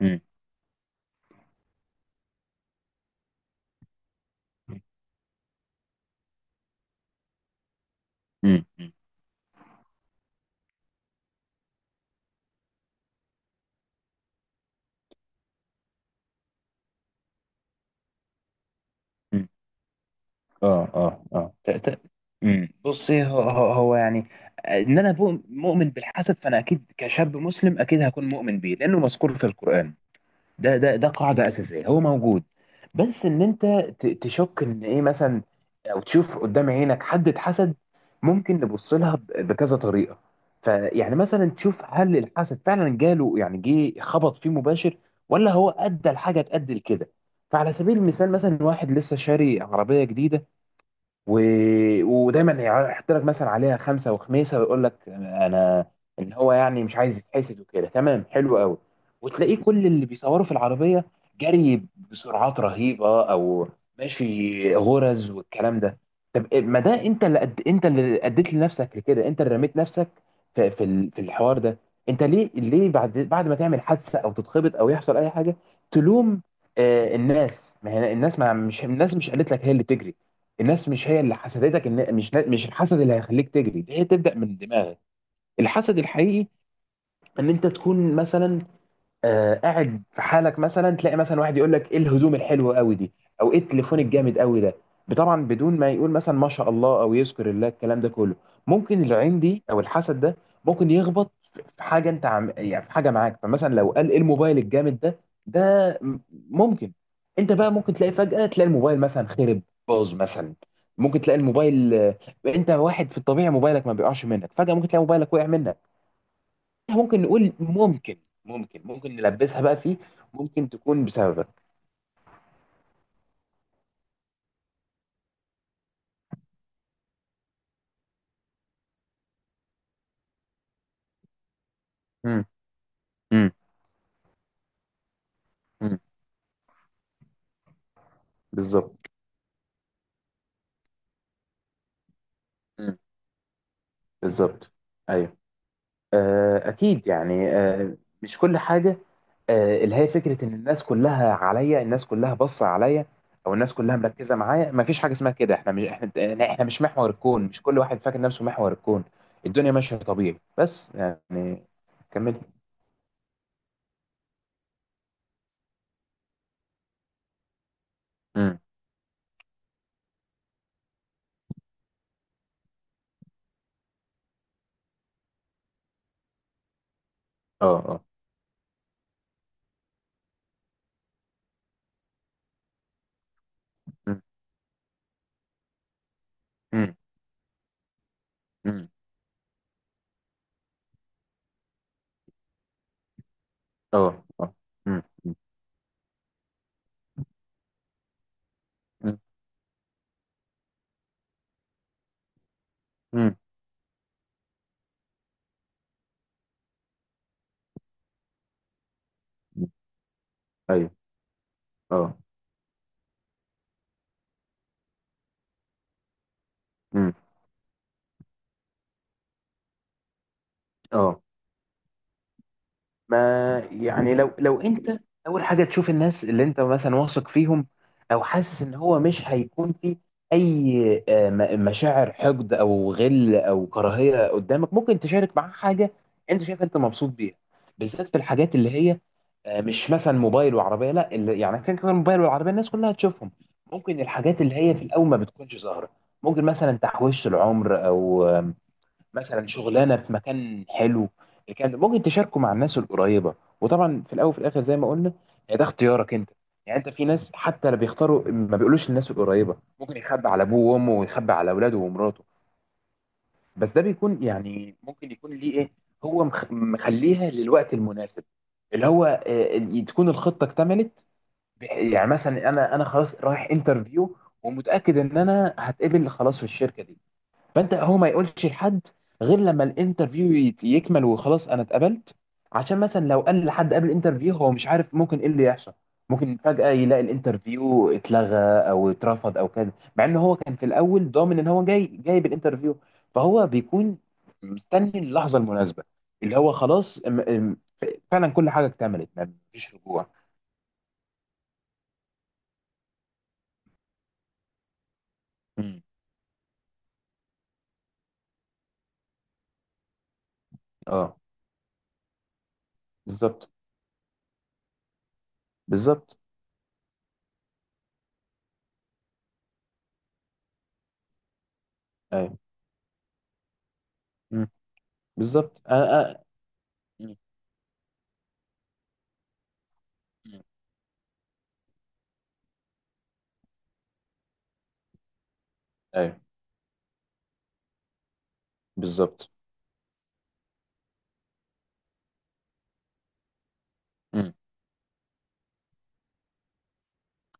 مم. مم. مم. اه، اه، اه. مم. بصي، هو يعني ان انا مؤمن بالحسد، فانا اكيد كشاب مسلم اكيد هكون مؤمن بيه لانه مذكور في القران. ده قاعده اساسيه، هو موجود. بس ان انت تشك ان ايه مثلا، او تشوف قدام عينك حد اتحسد. ممكن نبص لها بكذا طريقه. فيعني مثلا تشوف، هل الحسد فعلا جاله يعني جه خبط فيه مباشر، ولا هو ادى الحاجه تأدي لكده. فعلى سبيل المثال، مثلا واحد لسه شاري عربيه جديده و... ودايما يحط لك مثلا عليها خمسه وخميسه، ويقول لك انا ان هو يعني مش عايز يتحسد، وكده تمام حلو قوي. وتلاقيه كل اللي بيصوروا في العربيه جري بسرعات رهيبه، او ماشي غرز والكلام ده. طب ما ده انت اللي انت اللي اديت لنفسك لكده، انت اللي رميت نفسك في الحوار ده. انت ليه بعد ما تعمل حادثه او تتخبط او يحصل اي حاجه تلوم؟ الناس مش قالت لك هي اللي تجري. الناس مش هي اللي حسدتك، إن مش الحسد اللي هيخليك تجري، هي تبدأ من دماغك. الحسد الحقيقي ان انت تكون مثلا قاعد في حالك، مثلا تلاقي مثلا واحد يقول لك ايه الهدوم الحلوه قوي دي، او ايه التليفون الجامد قوي ده، طبعا بدون ما يقول مثلا ما شاء الله او يذكر الله الكلام ده كله. ممكن العين دي او الحسد ده ممكن يخبط في حاجه انت يعني في حاجه معاك. فمثلا لو قال ايه الموبايل الجامد ده، ده م- ممكن انت بقى ممكن تلاقي فجاه تلاقي الموبايل مثلا خرب، باظ مثلا. ممكن تلاقي الموبايل، انت واحد في الطبيعي موبايلك ما بيقعش منك، فجاه ممكن تلاقي موبايلك وقع منك. ممكن نقول ممكن ممكن نلبسها بقى فيه، ممكن تكون بسببك. مم. مم. مم. بالظبط. مم. بالظبط. ايوه. آه اكيد يعني. مش كل حاجه. اللي هي فكره ان الناس كلها عليا، الناس كلها باصه عليا، او الناس كلها مركزه معايا. ما فيش حاجه اسمها كده. احنا مش محور الكون، مش كل واحد فاكر نفسه محور الكون. الدنيا ماشيه طبيعي بس. يعني كمل. مم. اه، اه. مم. مم. مم. اه، اه. مم. مم. امم. ايوه. اه. امم. اه. ما يعني لو انت، اول حاجه تشوف الناس اللي انت مثلا واثق فيهم، او حاسس ان هو مش هيكون في اي مشاعر حقد او غل او كراهيه قدامك، ممكن تشارك معاه حاجه انت شايف انت مبسوط بيها. بالذات في الحاجات اللي هي مش مثلا موبايل وعربيه، لا اللي يعني كان كمان موبايل والعربيه الناس كلها تشوفهم. ممكن الحاجات اللي هي في الاول ما بتكونش ظاهره، ممكن مثلا تحويش العمر، او مثلا شغلانه في مكان حلو، الكلام ده ممكن تشاركه مع الناس القريبه. وطبعا في الاول وفي الاخر زي ما قلنا، يعني ده اختيارك انت. يعني انت في ناس حتى لا بيختاروا ما بيقولوش للناس القريبه، ممكن يخبي على ابوه وامه ويخبي على اولاده ومراته. بس ده بيكون يعني ممكن يكون ليه ايه، هو مخليها للوقت المناسب، اللي هو تكون الخطه اكتملت. يعني مثلا انا خلاص رايح انترفيو، ومتاكد ان انا هتقبل خلاص في الشركه دي. فانت هو ما يقولش لحد غير لما الانترفيو يكمل، وخلاص انا اتقبلت. عشان مثلا لو قال لحد قبل الانترفيو، هو مش عارف ممكن ايه اللي يحصل، ممكن فجأة يلاقي الانترفيو اتلغى او اترفض او كده، مع ان هو كان في الاول ضامن ان هو جاي جاي بالانترفيو. فهو بيكون مستني اللحظة المناسبة، اللي هو خلاص فعلا كل حاجة اكتملت، ما فيش رجوع. مم. اه. بالظبط. بالظبط. ايوه. مم. بالظبط. مم. مم. ايوه. بالظبط. مم.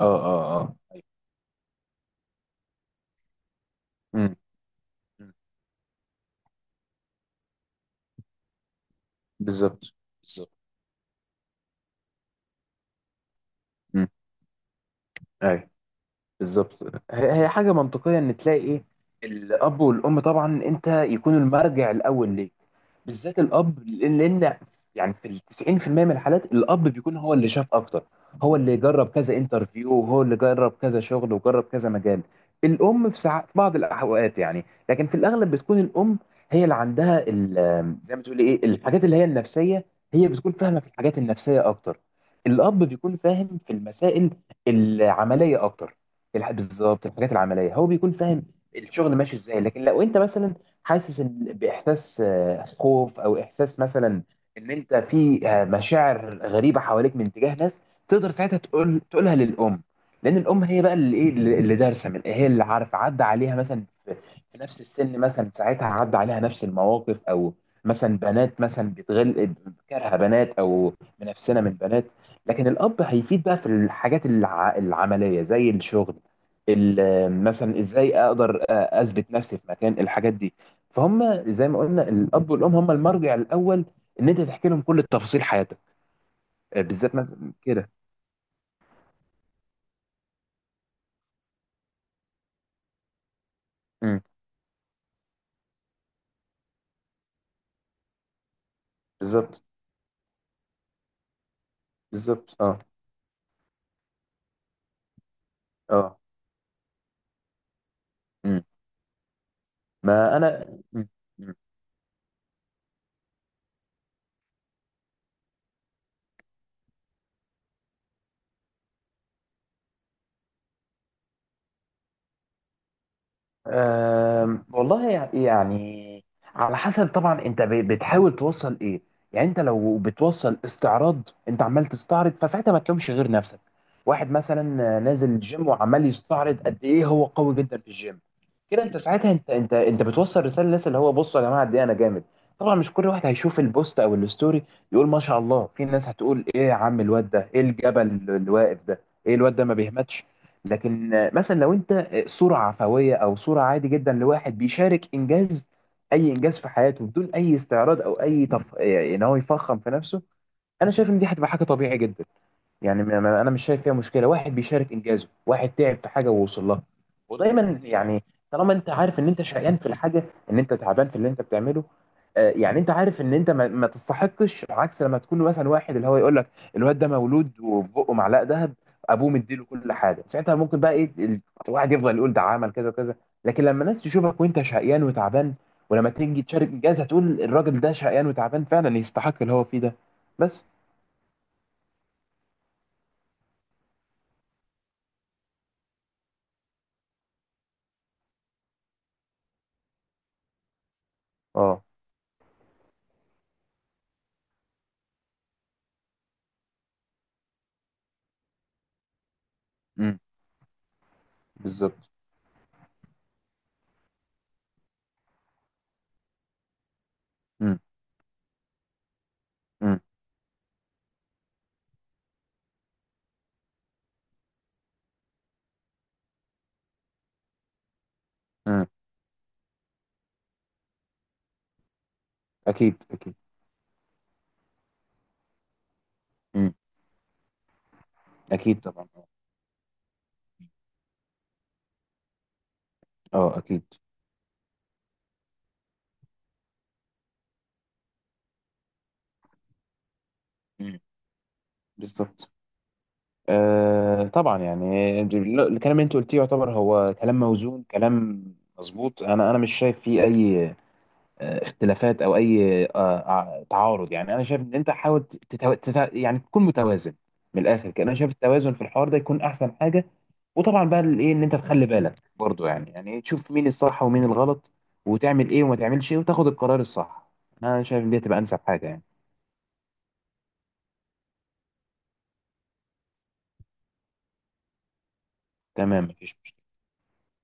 اه، اه، اه. أيوة. امم. مم. بالظبط. بالظبط. امم. اي. بالظبط. هي حاجه منطقيه ان تلاقي ايه، الاب والام طبعا انت يكون المرجع الاول ليك، بالذات الاب، لأن يعني في ال 90% من الحالات الاب بيكون هو اللي شاف اكتر، هو اللي جرب كذا انترفيو، وهو اللي جرب كذا شغل، وجرب كذا مجال. الام في ساعات في بعض الاوقات يعني، لكن في الاغلب بتكون الام هي اللي عندها زي ما تقولي ايه، الحاجات اللي هي النفسيه. هي بتكون فاهمه في الحاجات النفسيه اكتر، الاب بيكون فاهم في المسائل العمليه اكتر. بالظبط، الحاجات العمليه هو بيكون فاهم، الشغل ماشي ازاي. لكن لو انت مثلا حاسس باحساس خوف او احساس مثلا ان انت في مشاعر غريبه حواليك من تجاه ناس، تقدر ساعتها تقولها للام. لان الام هي بقى اللي ايه، اللي دارسه، من هي اللي عارفه عدى عليها مثلا في نفس السن، مثلا ساعتها عدى عليها نفس المواقف، او مثلا بنات مثلا بتغل، كارهه بنات او منافسنا من بنات. لكن الاب هيفيد بقى في الحاجات العمليه زي الشغل، مثلا ازاي اقدر اثبت نفسي في مكان، الحاجات دي. فهم زي ما قلنا الاب والام هم المرجع الاول ان انت تحكي لهم كل تفاصيل حياتك، بالذات مثلا كده. امم. بالظبط. بالظبط. اه، اه. امم. ما انا مم. والله يعني، على حسب طبعا انت بتحاول توصل ايه. يعني انت لو بتوصل استعراض، انت عمال تستعرض، فساعتها ما تلومش غير نفسك. واحد مثلا نازل الجيم، وعمال يستعرض قد ايه هو قوي جدا في الجيم، كده انت ساعتها انت بتوصل رساله للناس اللي هو بصوا يا جماعه قد ايه انا جامد. طبعا مش كل واحد هيشوف البوست او الستوري يقول ما شاء الله، في ناس هتقول ايه يا عم الواد ده، ايه الجبل اللي واقف ده، ايه الواد ده ما بيهمتش. لكن مثلا لو انت صورة عفوية او صورة عادي جدا لواحد بيشارك انجاز، اي انجاز في حياته، بدون اي استعراض او اي تف... آه، ان هو يفخم في نفسه، انا شايف ان دي هتبقى حاجة طبيعي جدا. يعني انا مش شايف فيها مشكله، واحد بيشارك انجازه، واحد تعب في حاجه ووصل لها. ودايما يعني طالما انت عارف ان انت شقيان في الحاجه، ان انت تعبان في اللي انت بتعمله، يعني انت عارف ان انت ما تستحقش. عكس لما تكون مثلا واحد اللي هو يقول لك الواد ده مولود وفي بقه معلقه ذهب، ابوه مديله كل حاجه، ساعتها ممكن بقى ايه الواحد يفضل يقول ده عمل كذا وكذا. لكن لما الناس تشوفك وانت شقيان وتعبان، ولما تيجي تشارك انجاز هتقول الراجل ده شقيان وتعبان فعلا يستحق اللي هو فيه ده. بس. اه. امم. بالظبط. مم. مم. مم. اكيد، اكيد. مم. اكيد طبعا. اه، اكيد. مم. بالظبط. آه، طبعا يعني الكلام اللي انت قلتيه يعتبر هو كلام موزون، كلام مظبوط. انا مش شايف فيه اي اختلافات او اي تعارض. يعني انا شايف ان انت حاول يعني تكون متوازن، من الاخر كده انا شايف التوازن في الحوار ده يكون احسن حاجه. وطبعا بقى الايه ان انت تخلي بالك برضو، يعني تشوف مين الصح ومين الغلط، وتعمل ايه وما تعملش ايه، وتاخد القرار الصح. انا شايف ان دي تبقى انسب حاجه يعني. تمام، مفيش مشكله.